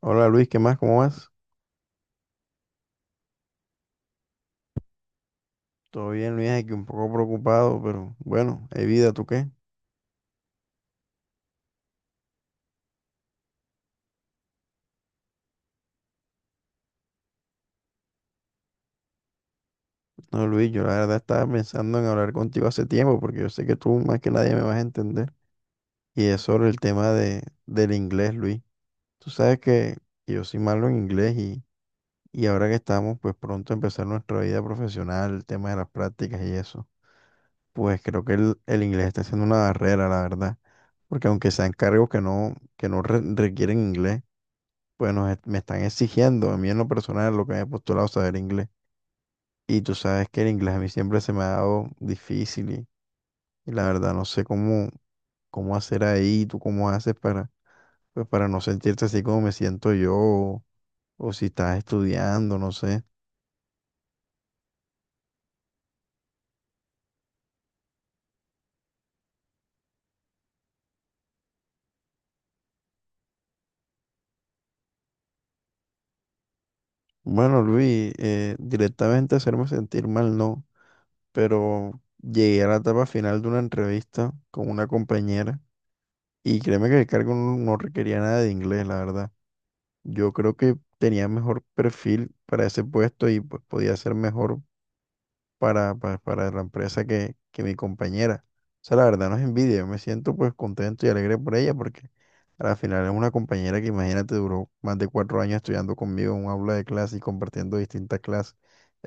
Hola Luis, ¿qué más? ¿Cómo vas? Todo bien, Luis, aquí un poco preocupado, pero bueno, hay vida, ¿tú qué? No, Luis, yo la verdad estaba pensando en hablar contigo hace tiempo, porque yo sé que tú más que nadie me vas a entender. Y es sobre el tema del inglés, Luis. Tú sabes que yo soy malo en inglés y ahora que estamos, pues pronto a empezar nuestra vida profesional, el tema de las prácticas y eso, pues creo que el inglés está siendo una barrera, la verdad. Porque aunque sean cargos que no requieren inglés. Bueno, me están exigiendo a mí en lo personal lo que me he postulado saber inglés. Y tú sabes que el inglés a mí siempre se me ha dado difícil y la verdad no sé cómo, cómo hacer ahí, tú cómo haces para, pues para no sentirte así como me siento yo, o si estás estudiando, no sé. Bueno, Luis, directamente hacerme sentir mal no, pero llegué a la etapa final de una entrevista con una compañera y créeme que el cargo no requería nada de inglés, la verdad. Yo creo que tenía mejor perfil para ese puesto y pues podía ser mejor para, para la empresa que mi compañera. O sea, la verdad no es envidia, yo me siento pues contento y alegre por ella porque al final es una compañera que imagínate duró más de 4 años estudiando conmigo en un aula de clase y compartiendo distintas clases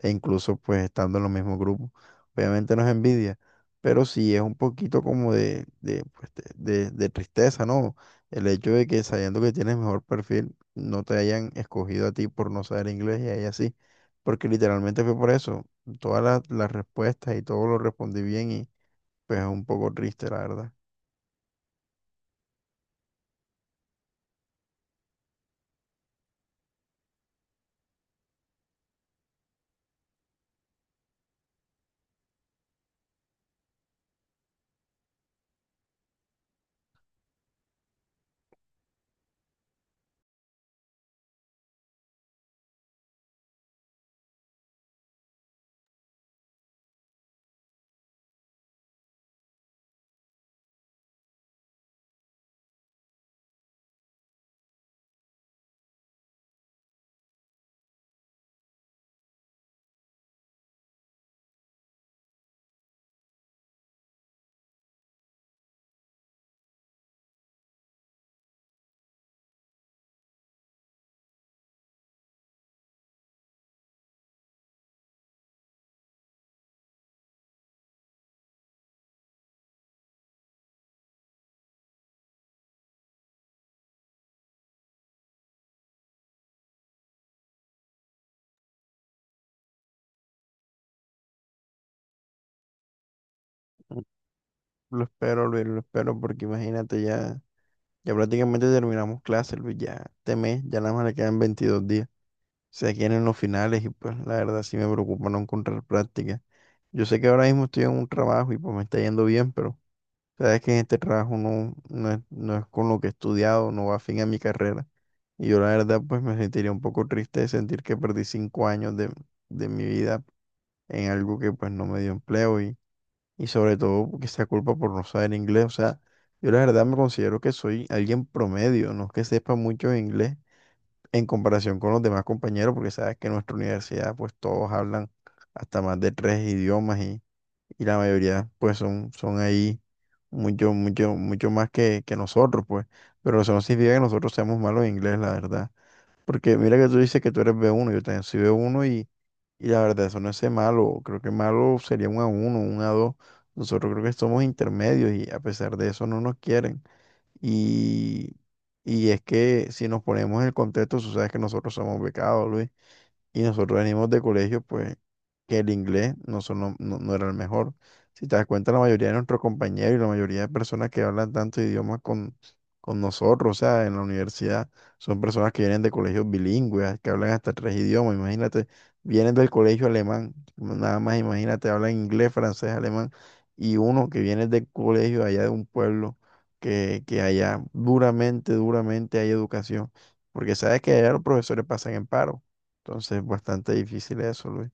e incluso pues estando en los mismos grupos. Obviamente no es envidia, pero sí es un poquito como pues, de tristeza, ¿no? El hecho de que sabiendo que tienes mejor perfil, no te hayan escogido a ti por no saber inglés y a ella sí, porque literalmente fue por eso todas las respuestas y todo lo respondí bien, y pues es un poco triste, la verdad. Lo espero, Luis, lo espero porque imagínate ya, ya prácticamente terminamos clases, Luis, ya este mes, ya nada más le quedan 22 días. Se quieren los finales y pues la verdad sí me preocupa no encontrar práctica. Yo sé que ahora mismo estoy en un trabajo y pues me está yendo bien, pero sabes que en este trabajo no es con lo que he estudiado, no va a fin a mi carrera. Y yo la verdad pues me sentiría un poco triste de sentir que perdí 5 años de mi vida en algo que pues no me dio empleo y sobre todo que sea culpa por no saber inglés. O sea, yo la verdad me considero que soy alguien promedio, no es que sepa mucho inglés en comparación con los demás compañeros, porque sabes que en nuestra universidad pues todos hablan hasta más de tres idiomas y la mayoría pues son ahí mucho, mucho, mucho más que nosotros pues, pero eso no significa que nosotros seamos malos en inglés, la verdad. Porque mira que tú dices que tú eres B1, yo también soy B1 y la verdad eso no es ser malo, creo que malo sería un a uno un a dos, nosotros creo que somos intermedios y a pesar de eso no nos quieren. Y, y es que si nos ponemos en el contexto, tú sabes que nosotros somos becados, Luis. Y nosotros venimos de colegios, pues, que el inglés no, son lo- no, no era el mejor. Si te das cuenta, la mayoría de nuestros compañeros y la mayoría de personas que hablan tantos idiomas con nosotros, o sea, en la universidad, son personas que vienen de colegios bilingües, que hablan hasta tres idiomas. Imagínate, vienen del colegio alemán, nada más imagínate, hablan inglés, francés, alemán, y uno que viene del colegio allá de un pueblo, que allá duramente, duramente hay educación. Porque sabes que allá los profesores pasan en paro. Entonces, bastante difícil eso, Luis.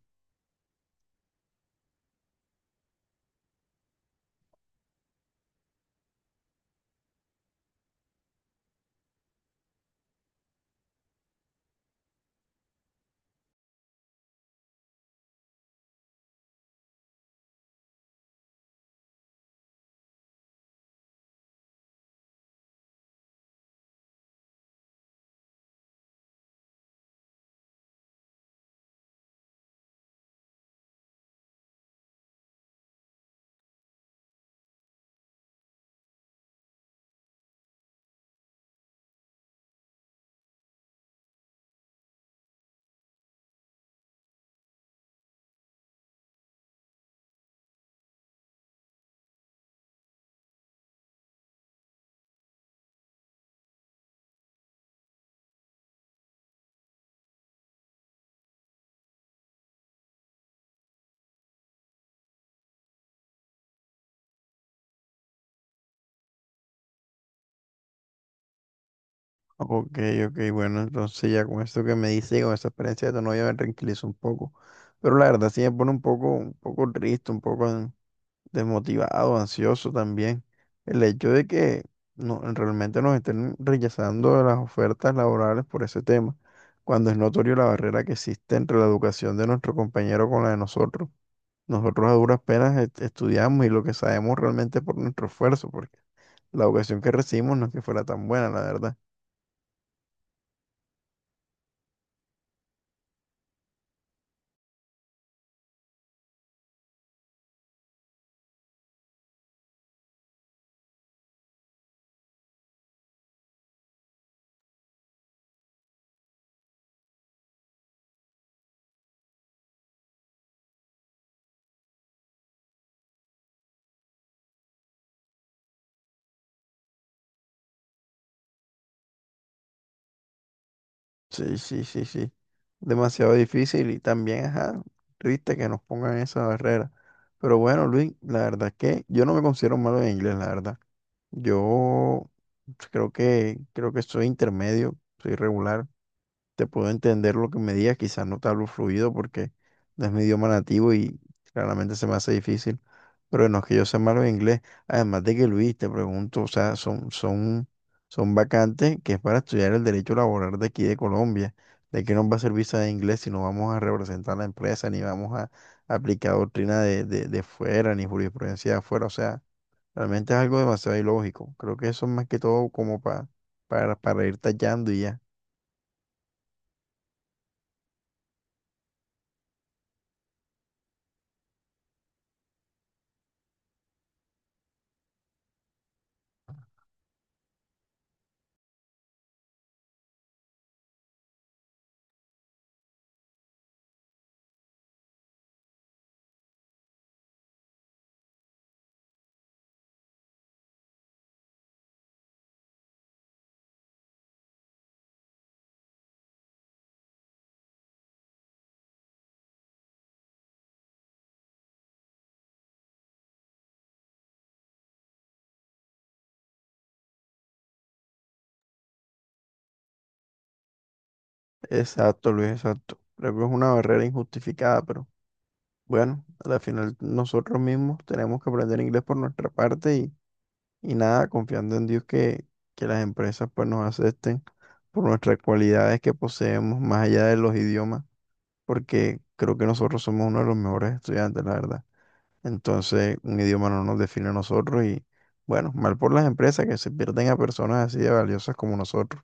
Ok, ok, bueno, entonces ya con esto que me dice, y con esta experiencia de tu novia me tranquilizo un poco. Pero la verdad sí me pone un poco triste, un poco desmotivado, ansioso también. El hecho de que no, realmente nos estén rechazando las ofertas laborales por ese tema, cuando es notorio la barrera que existe entre la educación de nuestro compañero con la de nosotros. Nosotros a duras penas estudiamos y lo que sabemos realmente es por nuestro esfuerzo, porque la educación que recibimos no es que fuera tan buena, la verdad. Sí, sí, sí, sí. Demasiado difícil y también, ajá, triste que nos pongan esa barrera. Pero bueno, Luis, la verdad es que yo no me considero malo en inglés, la verdad. Yo creo que soy intermedio, soy regular. Te puedo entender lo que me digas, quizás no te hablo fluido porque no es mi idioma nativo y claramente se me hace difícil, pero no es que yo sea malo en inglés, además de que, Luis, te pregunto, o sea, son vacantes que es para estudiar el derecho laboral de aquí de Colombia, ¿de qué nos va a servir saber inglés si no vamos a representar la empresa, ni vamos a aplicar doctrina de fuera, ni jurisprudencia de afuera? O sea, realmente es algo demasiado ilógico, creo que eso es más que todo como para, ir tallando y ya. Exacto, Luis, exacto. Creo que es una barrera injustificada, pero bueno, al final nosotros mismos tenemos que aprender inglés por nuestra parte y nada, confiando en Dios que las empresas pues nos acepten por nuestras cualidades que poseemos más allá de los idiomas, porque creo que nosotros somos uno de los mejores estudiantes, la verdad. Entonces, un idioma no nos define a nosotros y bueno, mal por las empresas que se pierden a personas así de valiosas como nosotros.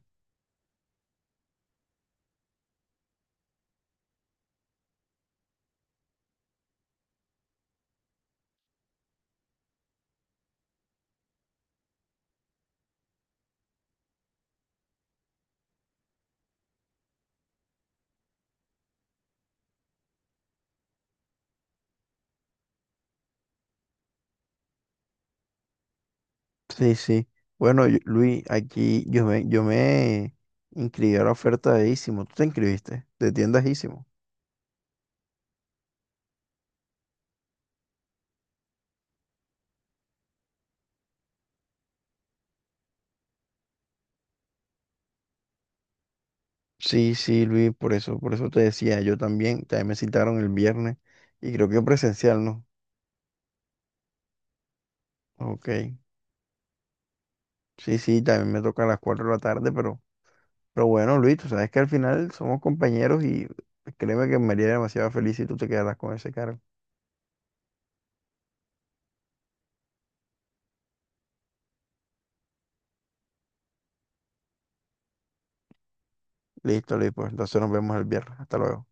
Sí, sí. Bueno, Luis, aquí yo me inscribí a la oferta de Isimo. ¿Tú te inscribiste? De tiendas Isimo. Sí, sí, Luis, por eso te decía, yo también me citaron el viernes y creo que presencial, ¿no? Ok. Sí, sí, también me toca a las 4 de la tarde, pero bueno, Luis, tú sabes que al final somos compañeros y créeme que me haría demasiado feliz si tú te quedaras con ese cargo. Listo, Luis, pues entonces nos vemos el viernes. Hasta luego.